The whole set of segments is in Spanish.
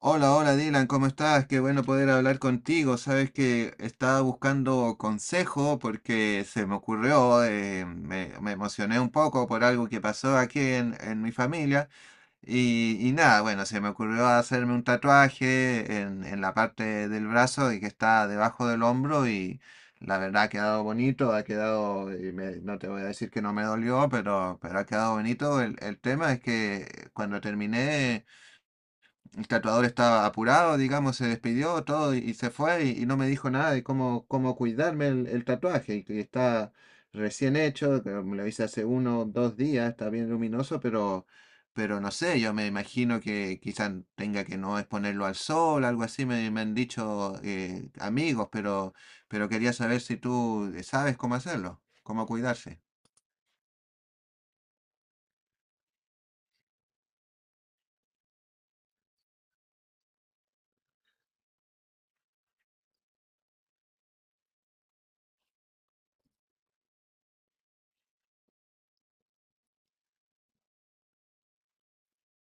Hola, hola Dylan, ¿cómo estás? Qué bueno poder hablar contigo. Sabes que estaba buscando consejo porque se me ocurrió, me emocioné un poco por algo que pasó aquí en mi familia y nada, bueno, se me ocurrió hacerme un tatuaje en la parte del brazo y que está debajo del hombro y la verdad ha quedado bonito, ha quedado, y no te voy a decir que no me dolió, pero ha quedado bonito. El tema es que cuando terminé. El tatuador estaba apurado, digamos, se despidió todo y se fue y no me dijo nada de cómo cuidarme el tatuaje. Y, que está recién hecho, que me lo hice hace uno o dos días, está bien luminoso, pero no sé, yo me imagino que quizás tenga que no exponerlo al sol, algo así, me han dicho amigos, pero quería saber si tú sabes cómo hacerlo, cómo cuidarse.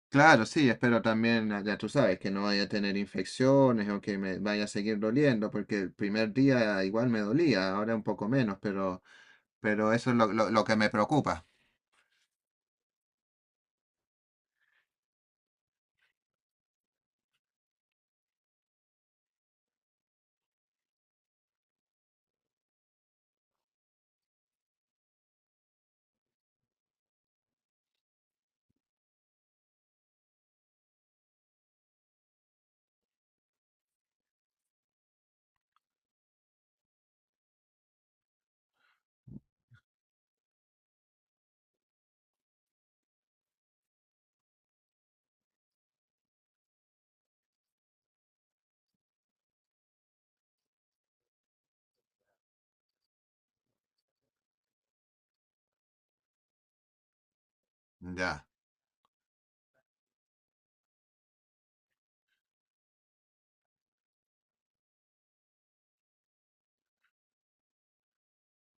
Claro, sí, espero también, ah, ya tú sabes, que no vaya a tener infecciones o que me vaya a seguir doliendo, porque el primer día igual me dolía, ahora un poco menos, pero eso es lo que me preocupa. Ya.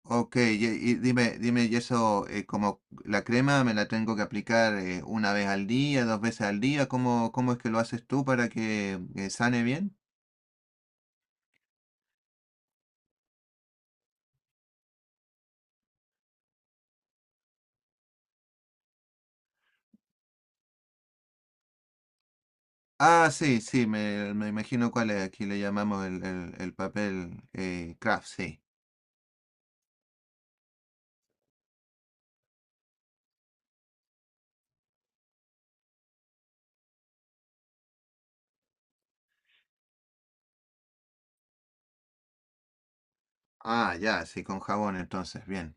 Ok, y dime, dime, y eso, como la crema me la tengo que aplicar una vez al día, dos veces al día, ¿ cómo es que lo haces tú para que sane bien? Ah, sí, sí, me imagino cuál es, aquí le llamamos el papel Kraft, sí. Ah, ya, sí, con jabón entonces, bien.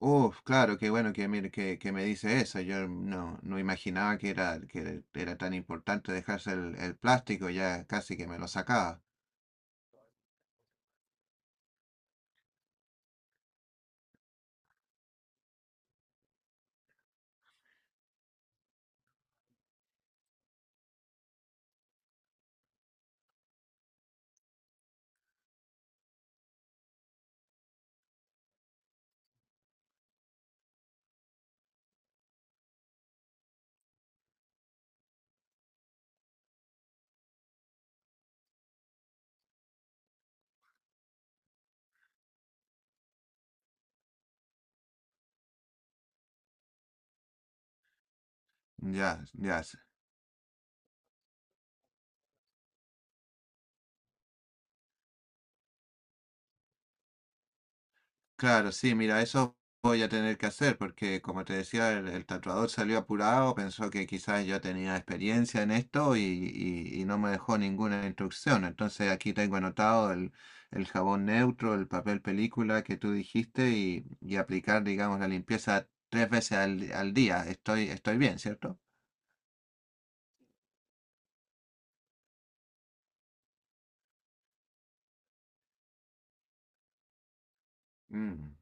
Uf, claro, qué bueno que, mire, que me dice eso. Yo no, no imaginaba que era tan importante dejarse el plástico, ya casi que me lo sacaba. Ya, ya. Claro, sí, mira, eso voy a tener que hacer porque, como te decía, el tatuador salió apurado, pensó que quizás yo tenía experiencia en esto y no me dejó ninguna instrucción. Entonces aquí tengo anotado el jabón neutro, el papel película que tú dijiste y aplicar, digamos, la limpieza tres veces al día. Estoy, estoy bien, ¿cierto? Mm.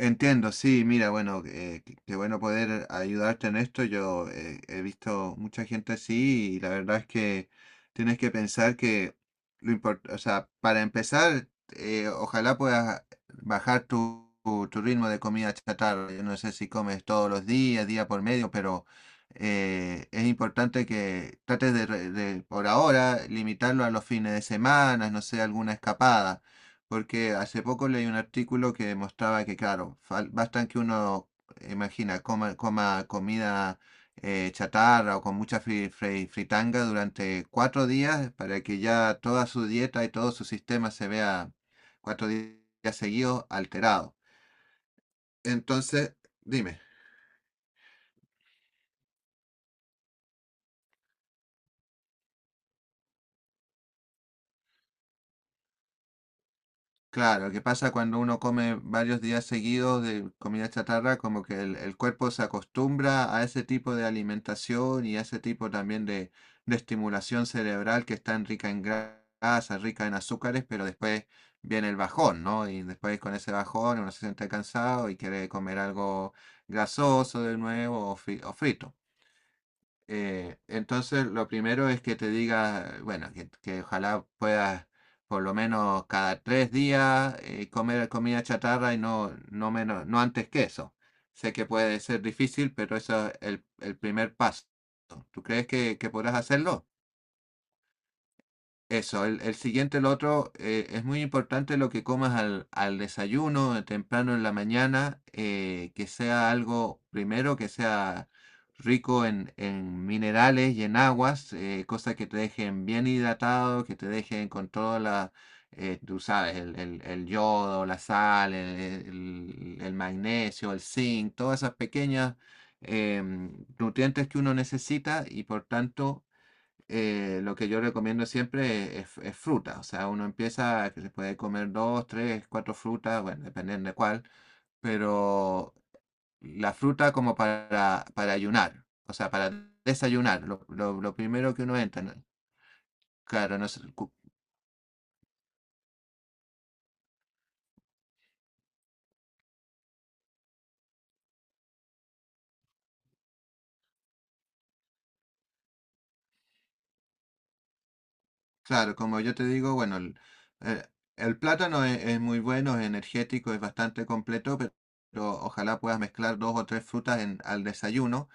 Entiendo, sí, mira, bueno, qué qué bueno poder ayudarte en esto. Yo he visto mucha gente así y la verdad es que tienes que pensar que lo importante, o sea, para empezar, ojalá puedas bajar tu ritmo de comida chatarra. Yo no sé si comes todos los días, día por medio, pero es importante que trates de por ahora, limitarlo a los fines de semana, no sé, alguna escapada porque hace poco leí un artículo que demostraba que, claro, bastan que uno, imagina, coma comida chatarra o con mucha fritanga durante cuatro días para que ya toda su dieta y todo su sistema se vea días seguidos alterado. Entonces, dime. Claro, que pasa cuando uno come varios días seguidos de comida chatarra, como que el cuerpo se acostumbra a ese tipo de alimentación y a ese tipo también de estimulación cerebral que es tan rica en grasa, rica en azúcares, pero después viene el bajón, ¿no? Y después con ese bajón uno se siente cansado y quiere comer algo grasoso de nuevo o frito. Entonces, lo primero es que te diga, bueno, que ojalá puedas por lo menos cada tres días comer comida chatarra y no, no menos, no antes que eso. Sé que puede ser difícil, pero eso es el primer paso. ¿Tú crees que podrás hacerlo? Eso, el siguiente, el otro, es muy importante lo que comas al desayuno, temprano en la mañana, que sea algo, primero, que sea rico en minerales y en aguas, cosas que te dejen bien hidratado, que te dejen con toda la, tú sabes, el yodo, la sal, el magnesio, el zinc, todas esas pequeñas nutrientes que uno necesita y por tanto lo que yo recomiendo siempre es fruta. O sea, uno empieza que se puede comer dos, tres, cuatro frutas, bueno, dependiendo de cuál, pero la fruta como para ayunar, o sea, para desayunar, lo primero que uno entra. ¿No? Claro, no sé, claro, como yo te digo, bueno, eh, el plátano es muy bueno, es energético, es bastante completo, pero ojalá puedas mezclar dos o tres frutas en, al desayuno.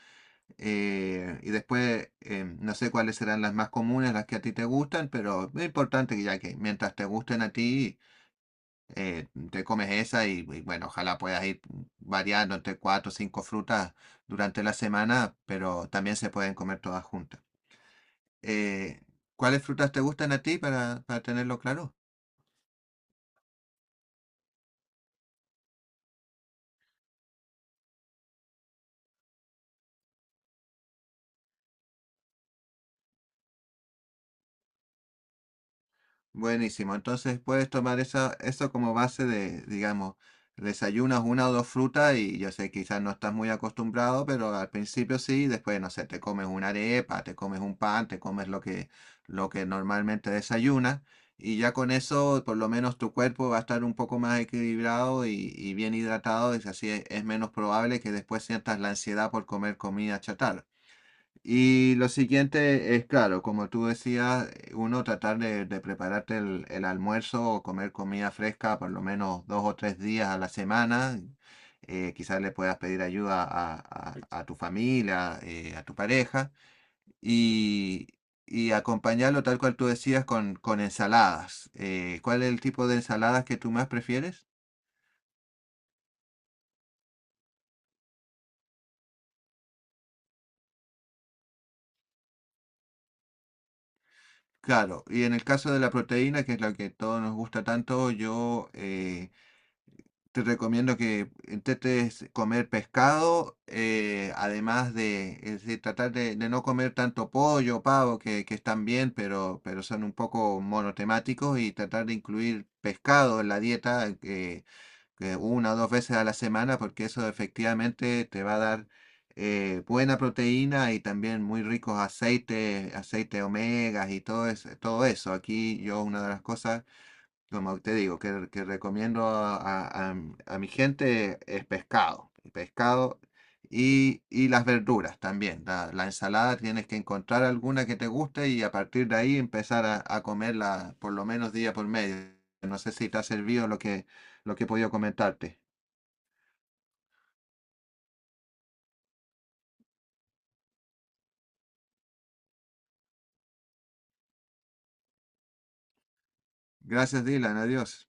Y después, no sé cuáles serán las más comunes, las que a ti te gustan, pero es importante que ya que mientras te gusten a ti, te comes esa y bueno, ojalá puedas ir variando entre cuatro o cinco frutas durante la semana, pero también se pueden comer todas juntas. Eh, ¿Cuáles frutas te gustan a ti para tenerlo claro? Buenísimo. Entonces puedes tomar esa, eso como base de, digamos, desayunas una o dos frutas y yo sé, quizás no estás muy acostumbrado, pero al principio sí, después, no sé, te comes una arepa, te comes un pan, te comes lo que normalmente desayunas y ya con eso por lo menos tu cuerpo va a estar un poco más equilibrado y bien hidratado y así es menos probable que después sientas la ansiedad por comer comida chatarra. Y lo siguiente es, claro, como tú decías, uno tratar de prepararte el almuerzo o comer comida fresca por lo menos dos o tres días a la semana. Quizás le puedas pedir ayuda a tu familia, a tu pareja, y, y acompañarlo tal cual tú decías con ensaladas. ¿Cuál es el tipo de ensaladas que tú más prefieres? Claro, y en el caso de la proteína, que es la que todos nos gusta tanto, yo... te recomiendo que intentes comer pescado, además de, es decir, tratar de no comer tanto pollo, pavo, que están bien, pero son un poco monotemáticos, y tratar de incluir pescado en la dieta que una o dos veces a la semana, porque eso efectivamente te va a dar buena proteína y también muy ricos aceites, aceite omegas y todo, todo eso. Aquí yo una de las cosas como te digo, que recomiendo a- a mi gente es pescado, pescado y las verduras también. La ensalada tienes que encontrar alguna que te guste y a partir de ahí empezar a comerla por lo menos día por medio. No sé si te ha servido lo que he podido comentarte. Gracias, Dylan. Adiós.